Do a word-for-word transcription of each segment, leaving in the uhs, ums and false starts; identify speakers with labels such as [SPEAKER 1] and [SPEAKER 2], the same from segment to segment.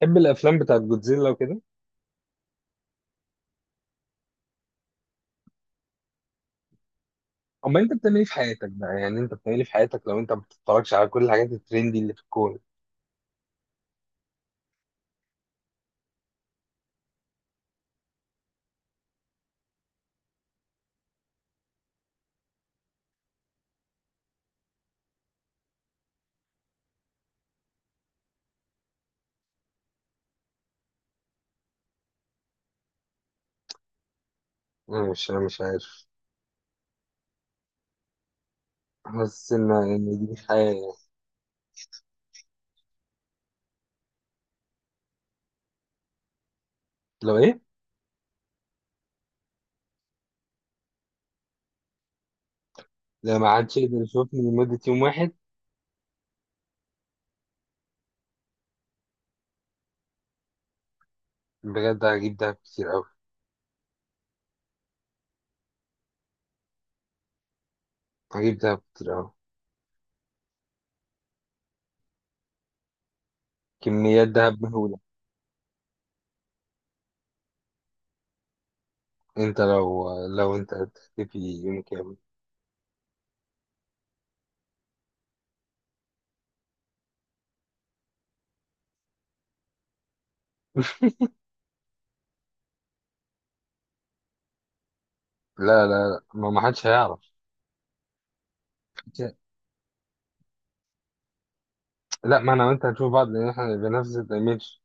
[SPEAKER 1] بتحب الافلام بتاعت جودزيلا وكده؟ امال انت بتعمل ايه في حياتك بقى؟ يعني انت بتعمل ايه في حياتك لو انت ما بتتفرجش على كل الحاجات الترندي اللي في الكون؟ انا مش انا مش عارف. حاسس ان ان دي حياه يعني. لو ايه؟ لو ما عادش يقدر يشوفني لمده يوم واحد، بجد هجيب دهب كتير قوي. هجيب دهب كتير قوي. كميات دهب مهوله. انت لو لو انت هتختفي يوم كامل؟ لا، لا، لا، ما ما حدش هيعرف. لا، ما انا وانت هنشوف بعض لان احنا بنفس الايمج.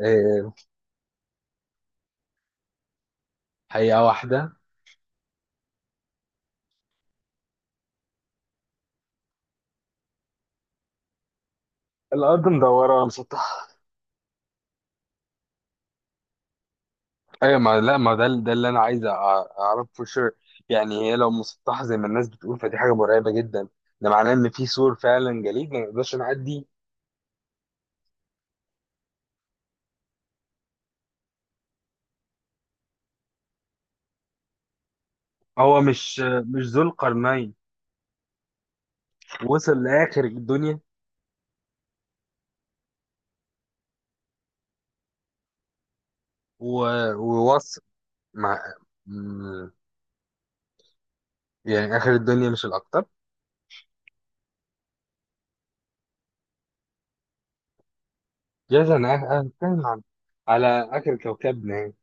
[SPEAKER 1] إيه، حقيقه واحده. الارض مدوره ولا مسطحه؟ ايوه، ما لا، ما ده ده اللي انا عايز أع- اعرفه شر. يعني هي لو مسطحه زي ما الناس بتقول فدي حاجه مرعبه جدا. ده معناه ان في سور فعلا جليد ما نقدرش نعدي. هو مش مش ذو القرنين وصل لاخر الدنيا و- ووصل. مع م- يعني اخر الدنيا مش الاكتر. جاز انا أه- أه- هتكلم عن على اخر كوكبنا يعني.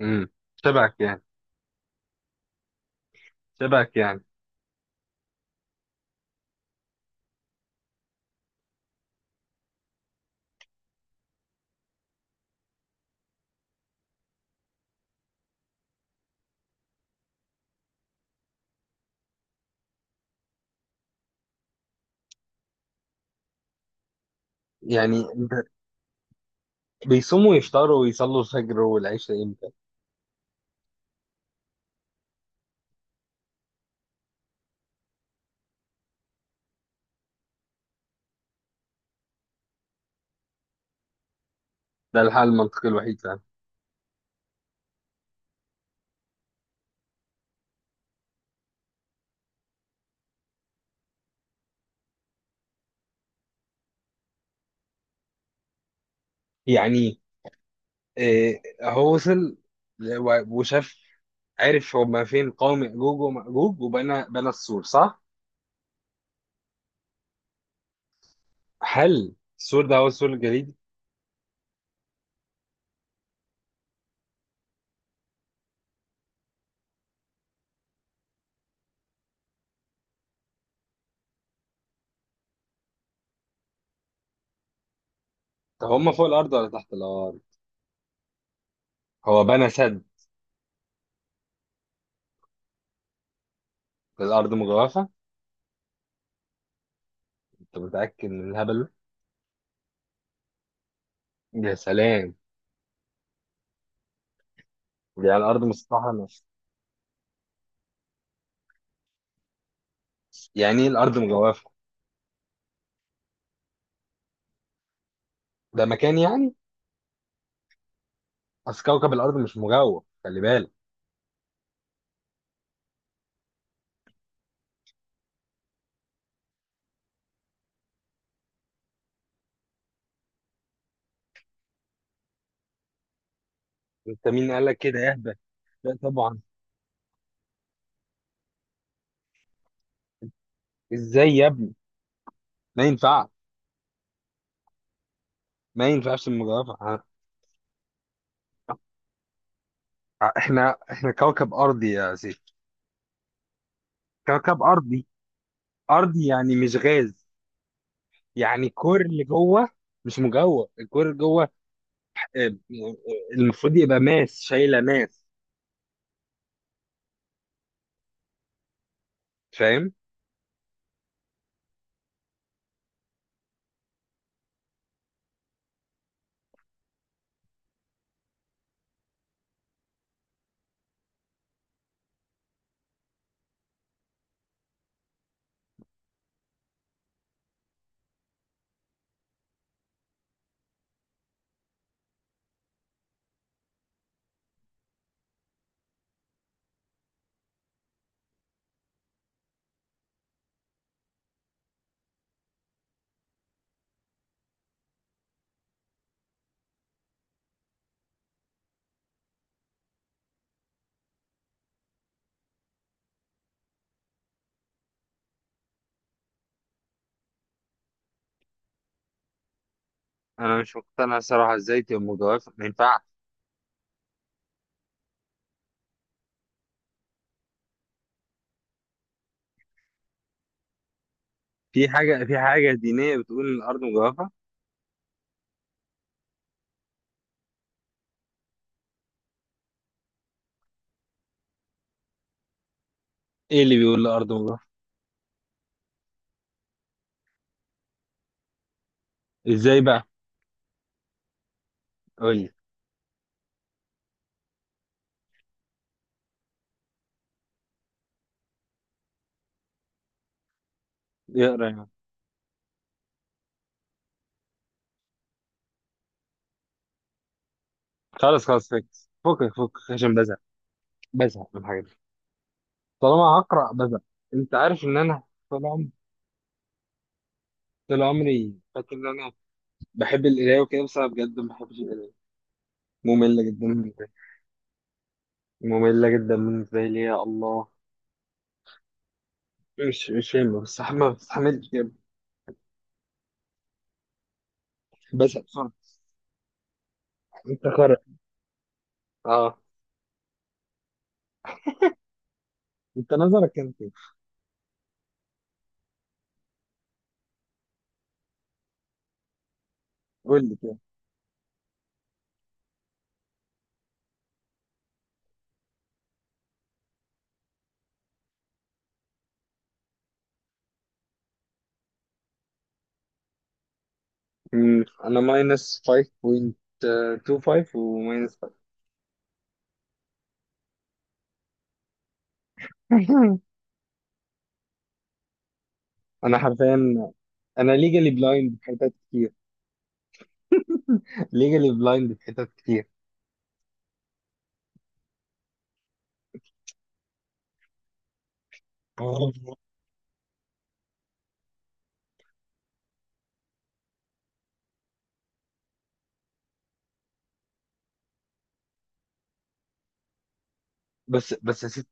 [SPEAKER 1] امم شبهك يعني. شبهك يعني. يعني انت، بيصوموا يفطروا ويصلوا الفجر والعشاء امتى؟ ده الحل المنطقي الوحيد فعلا. يعني إيه، هو وصل ل- و- وشاف، عرف هما فين قوم يأجوج ومأجوج، وبنى بنى السور، صح؟ هل السور ده هو السور الجليدي؟ طب هما فوق الأرض ولا تحت الأرض؟ هو بنى سد. في الأرض مجوفة؟ أنت متأكد من الهبل ده؟ يا سلام. يعني الأرض مسطحة مش- يعني إيه الأرض مجوفة؟ ده مكان يعني؟ أصل كوكب الأرض مش مجوف، خلي بالك. أنت مين قال لك كده اهبل؟ لا طبعا. إزاي يا ابني؟ ما ينفعش. ما ينفعش المجوفة ه- إحنا إحنا كوكب أرضي يا سيدي. كوكب أرضي. أرضي يعني مش غاز. يعني الكور اللي جوه مش مجوه، الكور اللي جوه. آه، المفروض يبقى ماس شايلة ماس، فاهم؟ أنا مش مقتنع صراحة. إزاي تبقى مجوفة؟ ما ينفعش. في حاجة في حاجة دينية بتقول إن الأرض مجوفة؟ إيه اللي بيقول الأرض مجوفة؟ إزاي بقى؟ قول لي. يقرا يعني؟ خلاص، خلاص، فكس فكك فكك عشان بزهق. بزهق من الحاجات دي. طالما هقرا بزهق. أنت عارف إن أنا، طول عمري طول عمري فاكر إن أنا بحب القراية وكده، بس أنا بجد ما بحبش القراية. مملة جدا بالنسبة لي. مملة جدا بالنسبة لي، يا الله. مش مش فاهم، ما بستحمل ما بستحملش يا ابني. بس خرق. انت خرق. اه. انت نظرك كام كده؟ قول لي كده. مم، انا ماينس خمسة وربع وماينس خمسة. انا حرفيا، انا ليجالي بلايند في حتت كتير. ليجالي بلايند في حتت كتير. بس بس يا ست،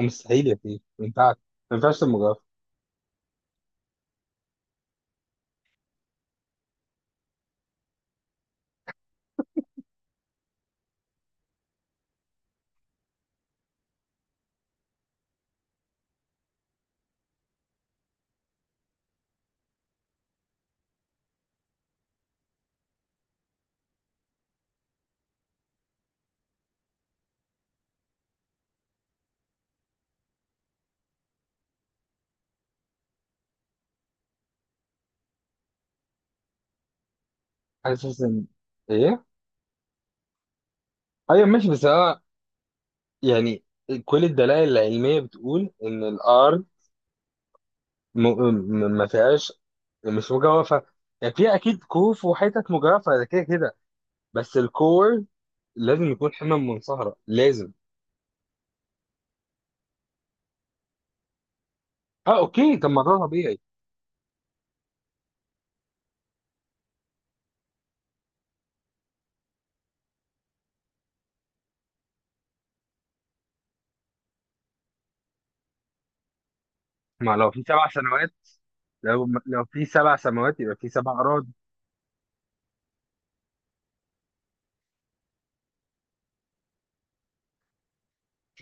[SPEAKER 1] مستحيل يا فيه، ما ينفعش. ما ينفعش تبقى مجرد. حاسس ان. ايه. ايوه، ماشي، بس أنا، يعني كل الدلائل العلمية بتقول إن الأرض م... م... ما فيهاش، مش مجوفة. يعني فيها أكيد كهوف وحتت مجوفة، ده كده كده. بس الكور لازم يكون حمم من صحراء، لازم. أه، أوكي، طب ما ده طبيعي. ما لو في سبع سنوات، لو لو في سبع سماوات يبقى في سبع أراضي.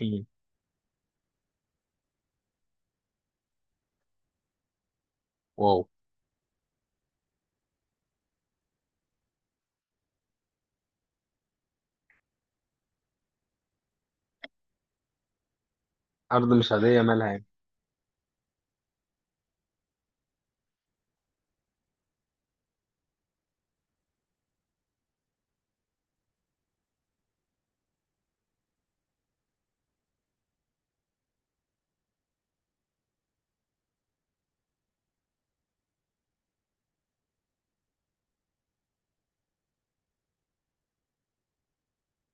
[SPEAKER 1] مم. واو. أرض مش عادية مالها يعني؟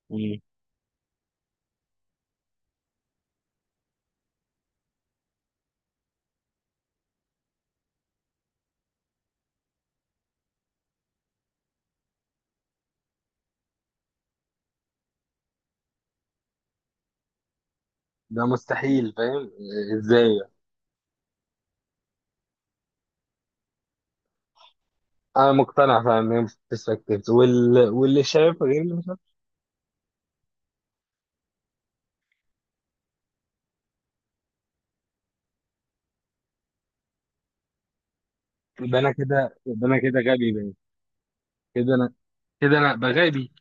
[SPEAKER 1] مم. ده مستحيل، فاهم؟ ازاي؟ انا مقتنع فعلا ان هي مش perspectives. وال... واللي شايف غير اللي مش شايف. يبقى انا كده يبقى انا كده غبي بقى. كده. كده انا بغابي